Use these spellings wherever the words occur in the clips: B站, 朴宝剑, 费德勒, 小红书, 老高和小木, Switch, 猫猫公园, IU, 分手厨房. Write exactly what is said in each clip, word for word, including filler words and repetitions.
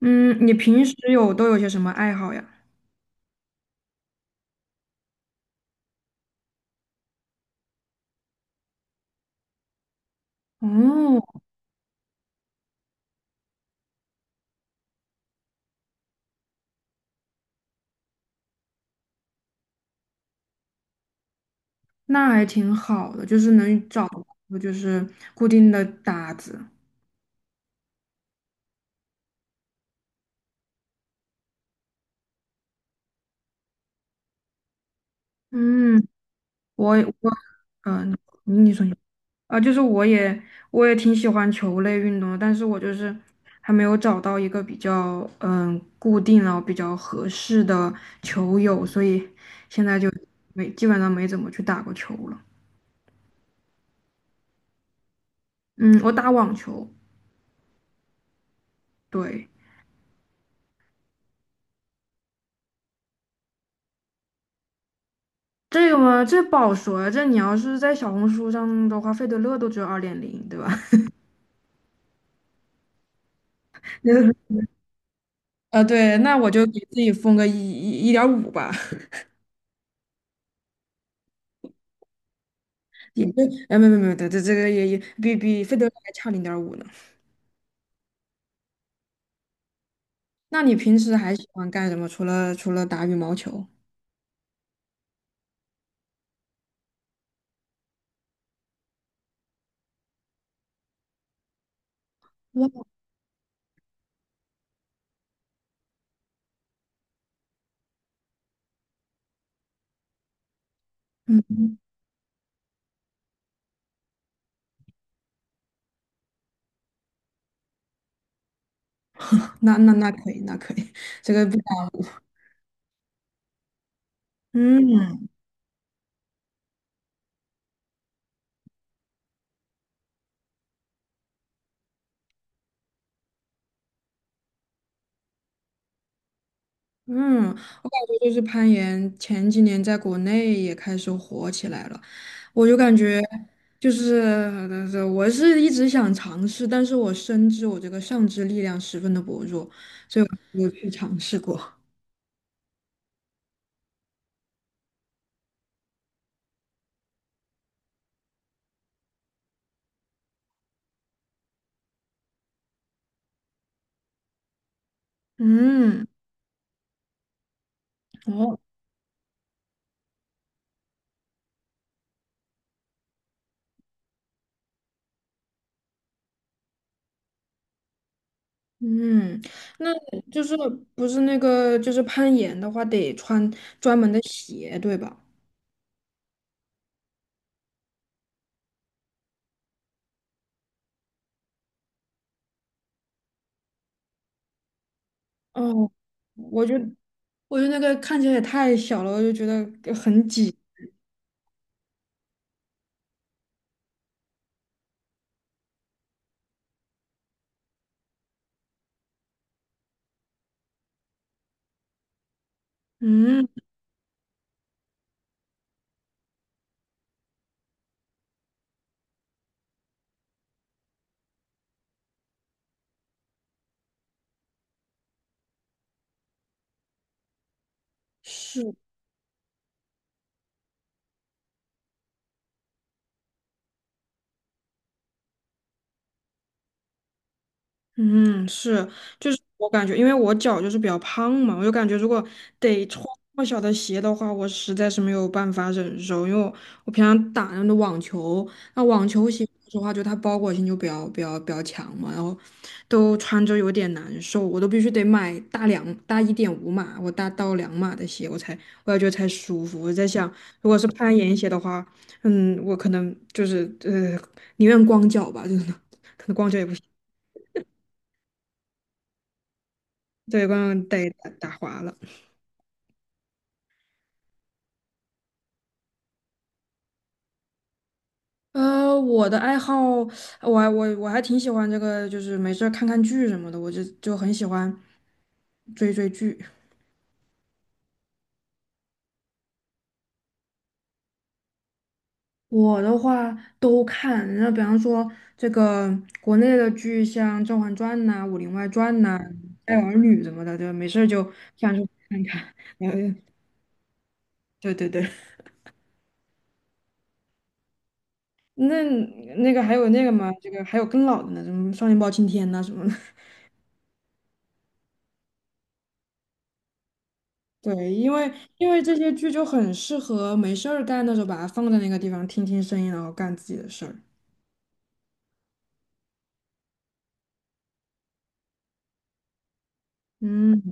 嗯，你平时有都有些什么爱好呀？哦，那还挺好的，就是能找到就是固定的搭子。嗯，我我嗯、你你说你啊、就是我也我也挺喜欢球类运动的，但是我就是还没有找到一个比较嗯固定然后比较合适的球友，所以现在就没基本上没怎么去打过球了。嗯，我打网球，对。这个嘛，这不好说。这你要是在小红书上的话，费德勒都只有二点零，对吧？啊，对，那我就给自己封个一一一点五吧，也就哎，没没没，这这个也也比比费德勒还差零点五呢。那你平时还喜欢干什么？除了除了打羽毛球？哇，嗯，那那那可以，那可以，这个不打。嗯。嗯，我感觉就是攀岩，前几年在国内也开始火起来了。我就感觉就是呃我是一直想尝试，但是我深知我这个上肢力量十分的薄弱，没有去尝试过。嗯，哦 嗯，那就是不是那个就是攀岩的话，得穿专门的鞋，对吧？哦，我就我就那个看起来也太小了，我就觉得很挤。嗯。是。嗯，是，就是我感觉，因为我脚就是比较胖嘛，我就感觉如果得穿那么小的鞋的话，我实在是没有办法忍受，因为我我平常打那种网球，那网球鞋说实话，就它包裹性就比较比较比较强嘛，然后都穿着有点难受，我都必须得买大两大一点五码，我大到两码的鞋，我才我感觉得才舒服。我在想，如果是攀岩鞋的话，嗯，我可能就是呃，宁愿光脚吧，就是可能光脚也不行。对，刚刚带打打滑了。呃，我的爱好，我还我我还挺喜欢这个，就是没事儿看看剧什么的，我就就很喜欢追追剧。我的话都看，那比方说这个国内的剧，像《甄嬛传》呐、《武林外传》呐、《爱儿女》什么的，对，没事儿就想去看看。然后就对对对，那那个还有那个嘛，这个还有更老的呢，什么《少年包青天》呐什么的。对，因为因为这些剧就很适合没事儿干的时候，把它放在那个地方听听声音，然后干自己的事儿。嗯，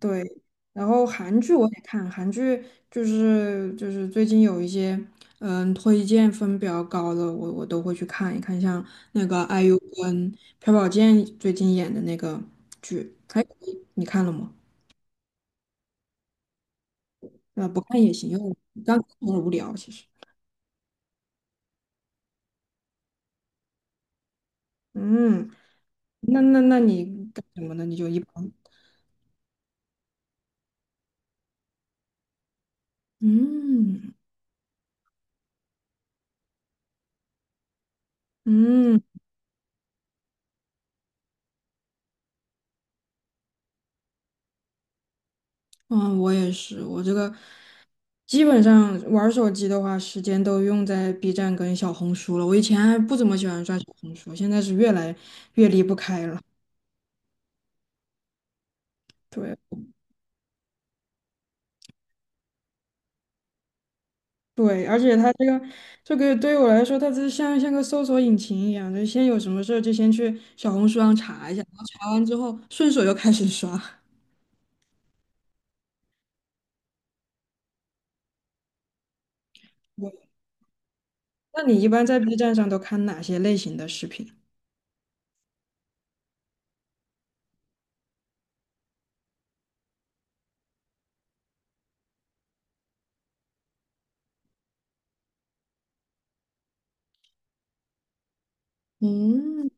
对，然后韩剧我也看，韩剧就是就是最近有一些嗯推荐分比较高的，我我都会去看一看，像那个 I U 跟朴宝剑最近演的那个剧，还可以，你看了吗？呃，不看也行，因为我刚看有点无聊，其实。嗯，那那那你干什么呢？你就一般。嗯。嗯，嗯，我也是，我这个基本上玩儿手机的话，时间都用在 B 站跟小红书了。我以前还不怎么喜欢刷小红书，现在是越来越离不开了。对对，而且它这个这个对于我来说，它是像像个搜索引擎一样，就先有什么事儿就先去小红书上查一下，然后查完之后顺手又开始刷。我，那你一般在 B 站上都看哪些类型的视频？嗯，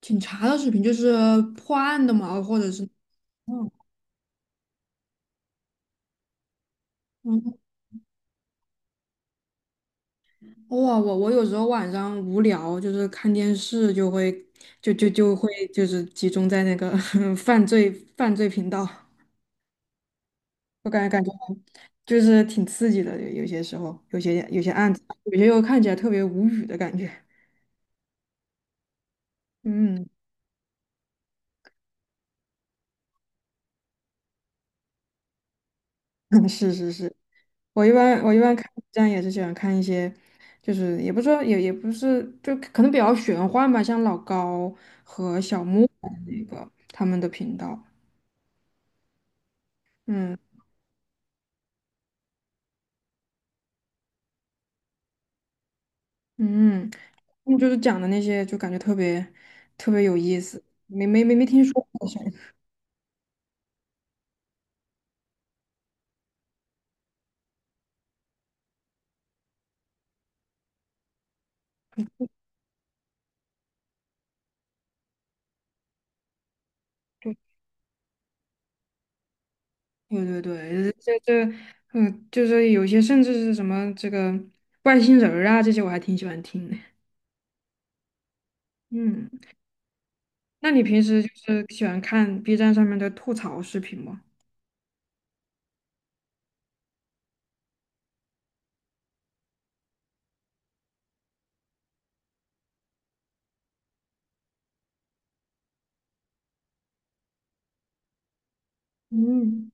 警察的视频就是破案的嘛，或者是。嗯，哇，我我有时候晚上无聊，就是看电视就会，就就就会就是集中在那个 犯罪犯罪频道，我感觉感觉就是挺刺激的，有有些时候，有些有些案子，有些又看起来特别无语的感觉。嗯，是是是，我一般我一般看 B 站也是喜欢看一些，就是也不是说也也不是，就可能比较玄幻吧，像老高和小木那个他们的频道。嗯嗯。他们就是讲的那些，就感觉特别特别有意思，没没没没听说过。像 对对对，这这嗯，就是有些甚至是什么这个外星人儿啊，这些我还挺喜欢听的。嗯，那你平时就是喜欢看 B 站上面的吐槽视频吗？嗯，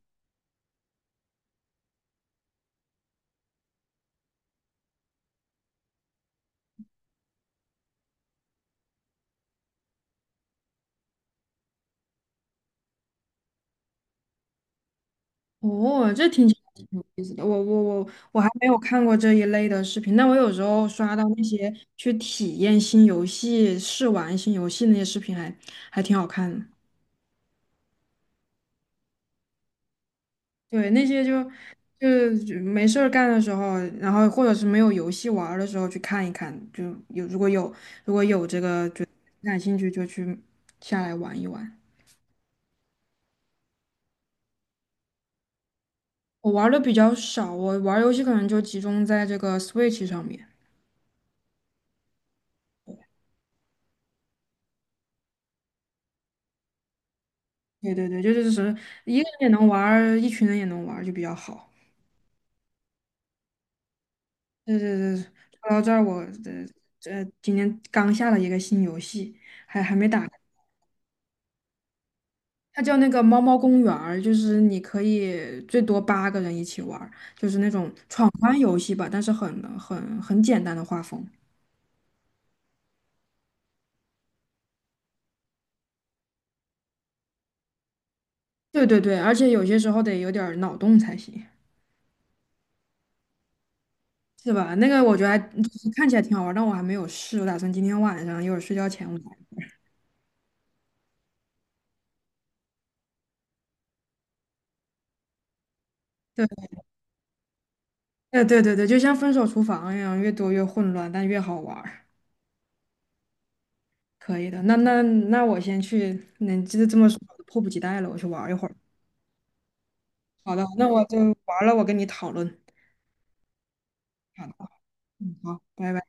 哦，这听起来挺有意思的。我我我我还没有看过这一类的视频，但我有时候刷到那些去体验新游戏、试玩新游戏那些视频还还挺好看的。对，那些就就没事儿干的时候，然后或者是没有游戏玩儿的时候去看一看，就有如果有如果有这个就感兴趣就去下来玩一玩。我玩的比较少，我玩儿游戏可能就集中在这个 Switch 上面。对对对，就是什么一个人也能玩儿，一群人也能玩儿，就比较好。对对对，说到这儿，我这这今天刚下了一个新游戏，还还没打。它叫那个猫猫公园儿，就是你可以最多八个人一起玩儿，就是那种闯关游戏吧，但是很很很简单的画风。对对对，而且有些时候得有点儿脑洞才行，是吧？那个我觉得还就是看起来挺好玩儿，但我还没有试，我打算今天晚上一会儿睡觉前玩。对，对对对对，就像分手厨房一样，越多越混乱，但越好玩儿。可以的，那那那我先去，那这这么说，我迫不及待了，我去玩儿一会儿。好的，那我就玩儿了，我跟你讨论。好的，嗯，好，拜拜。